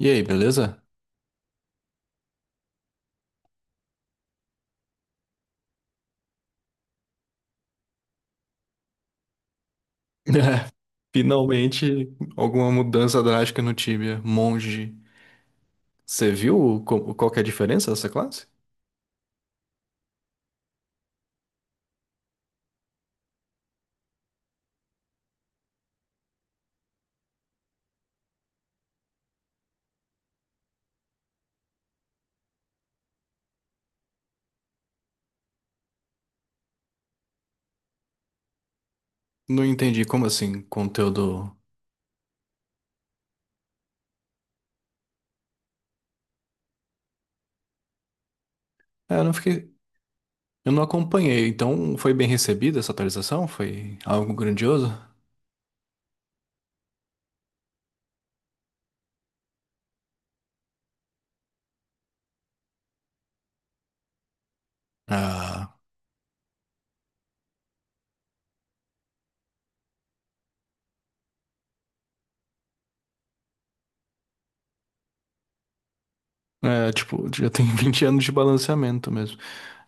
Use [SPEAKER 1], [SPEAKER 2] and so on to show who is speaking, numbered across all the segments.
[SPEAKER 1] E aí, beleza? Finalmente, alguma mudança drástica no Tibia. Monge. Você viu qual que é a diferença dessa classe? Não entendi como assim, conteúdo. É, eu não fiquei. Eu não acompanhei, então foi bem recebida essa atualização? Foi algo grandioso? Ah, é, tipo, já tem 20 anos de balanceamento mesmo.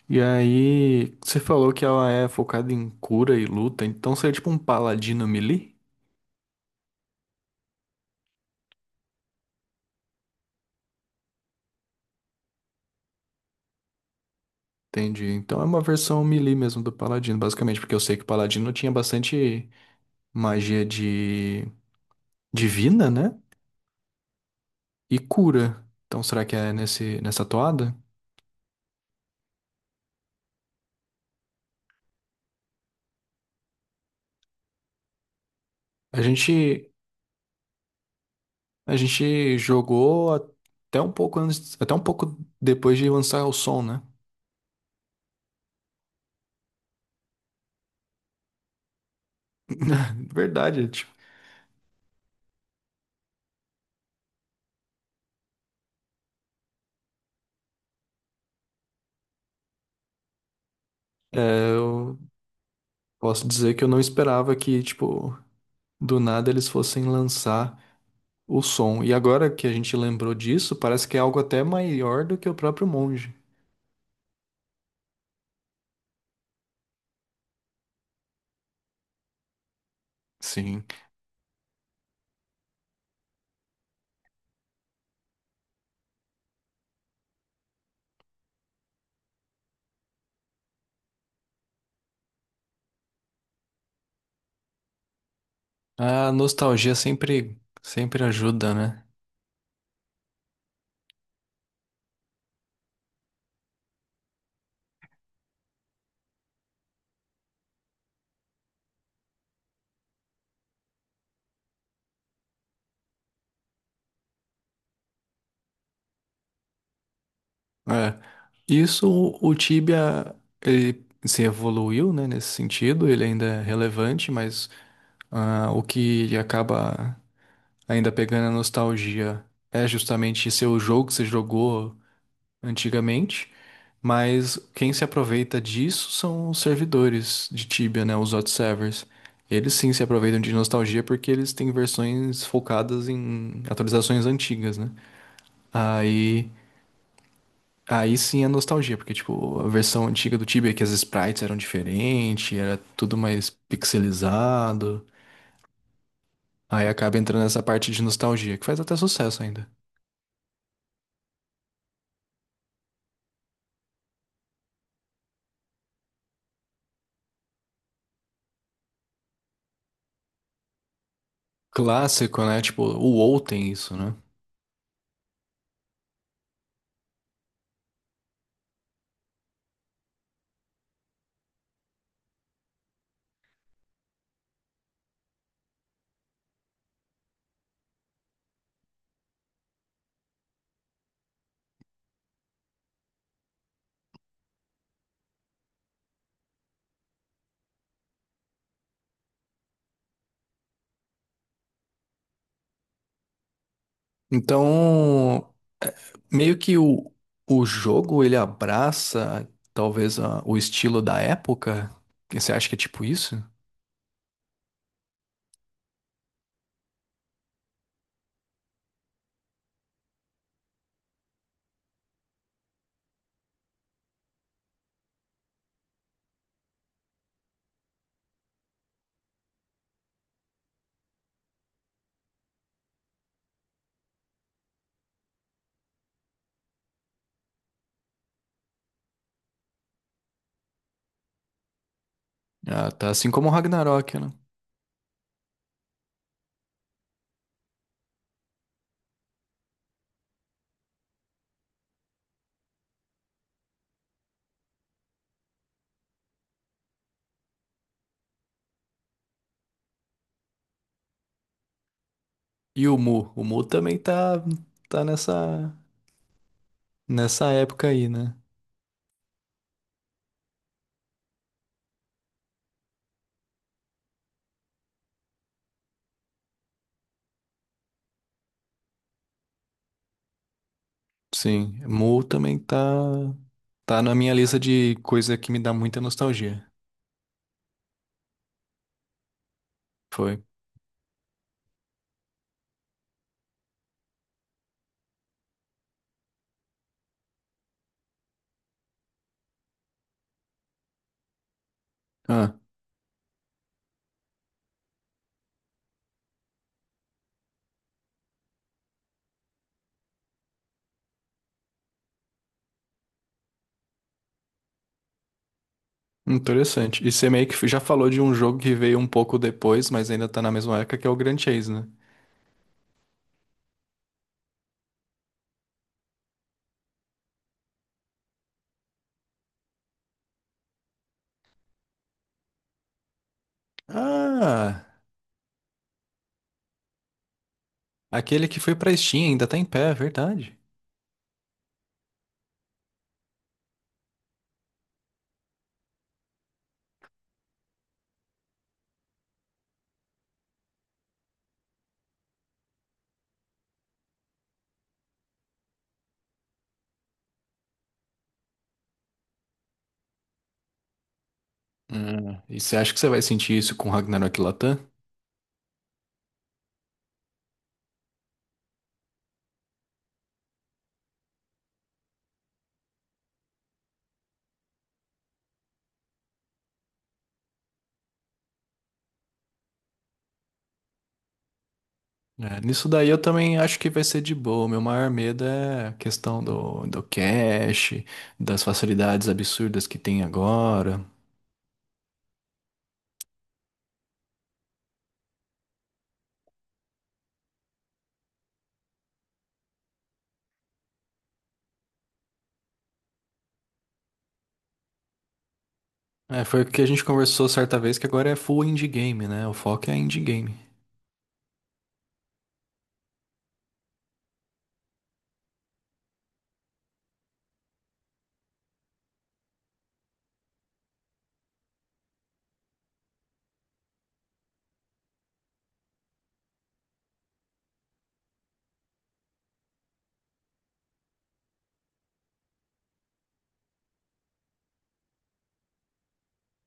[SPEAKER 1] E aí, você falou que ela é focada em cura e luta, então seria tipo um paladino melee? Entendi. Então é uma versão melee mesmo do Paladino, basicamente, porque eu sei que o Paladino tinha bastante magia de divina, né? E cura. Então será que é nesse nessa toada? A gente a gente jogou até um pouco antes, até um pouco depois de lançar o som, né? Verdade, tipo, é, eu posso dizer que eu não esperava que, tipo, do nada eles fossem lançar o som. E agora que a gente lembrou disso, parece que é algo até maior do que o próprio monge. Sim. A nostalgia sempre, sempre ajuda, né? É. Isso, o Tibia, ele se evoluiu, né, nesse sentido, ele ainda é relevante, mas ah, o que acaba ainda pegando a nostalgia é justamente seu jogo que você jogou antigamente, mas quem se aproveita disso são os servidores de Tibia, né, os hot servers. Eles sim se aproveitam de nostalgia porque eles têm versões focadas em atualizações antigas, né? Aí, aí sim é nostalgia, porque tipo, a versão antiga do Tibia que as sprites eram diferentes, era tudo mais pixelizado. Aí acaba entrando nessa parte de nostalgia, que faz até sucesso ainda. Clássico, né? Tipo, o WoW tem isso, né? Então, meio que o jogo ele abraça talvez o estilo da época. Que você acha que é tipo isso? Ah, tá assim como o Ragnarok, né? E o Mu também tá tá nessa nessa época aí, né? Sim, Mu também tá, tá na minha lista de coisa que me dá muita nostalgia. Foi. Ah, interessante. E você meio que já falou de um jogo que veio um pouco depois, mas ainda tá na mesma época, que é o Grand Chase, né? Ah, aquele que foi pra Steam ainda tá em pé, é verdade. Ah, e você acha que você vai sentir isso com Ragnarok Latam? É, nisso daí eu também acho que vai ser de boa. Meu maior medo é a questão do, do cache, das facilidades absurdas que tem agora. É, foi o que a gente conversou certa vez, que agora é full indie game, né? O foco é indie game.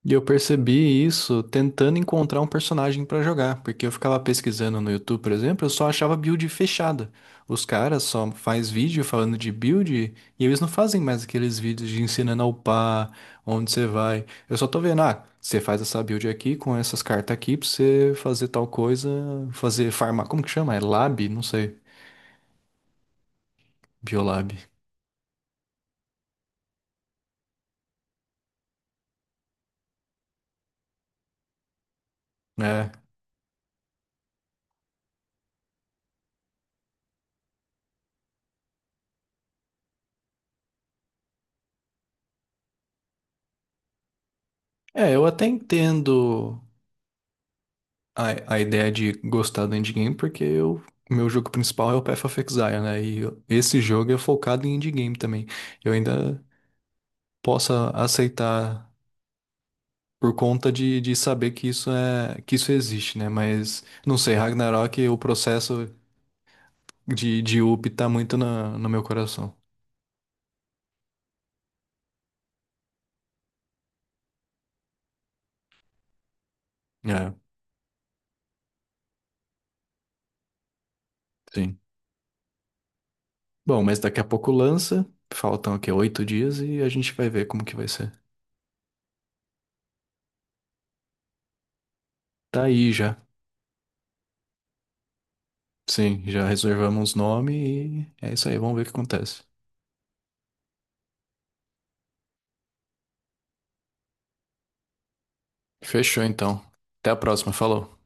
[SPEAKER 1] E eu percebi isso tentando encontrar um personagem pra jogar, porque eu ficava pesquisando no YouTube, por exemplo, eu só achava build fechada. Os caras só faz vídeo falando de build e eles não fazem mais aqueles vídeos de ensinando a upar, onde você vai. Eu só tô vendo, ah, você faz essa build aqui com essas cartas aqui pra você fazer tal coisa, fazer farmar, como que chama? É lab? Não sei. Biolab. É. É, eu até entendo a, a ideia de gostar do indie game porque eu, o meu jogo principal é o Path of Exile, né? Esse jogo é focado em indie game também. Eu ainda posso aceitar por conta de saber que isso é que isso existe, né? Mas não sei, Ragnarok, o processo de up tá muito na, no meu coração. É, sim. Bom, mas daqui a pouco lança. Faltam aqui 8 dias e a gente vai ver como que vai ser. Tá aí já. Sim, já reservamos nome e é isso aí, vamos ver o que acontece. Fechou então. Até a próxima. Falou.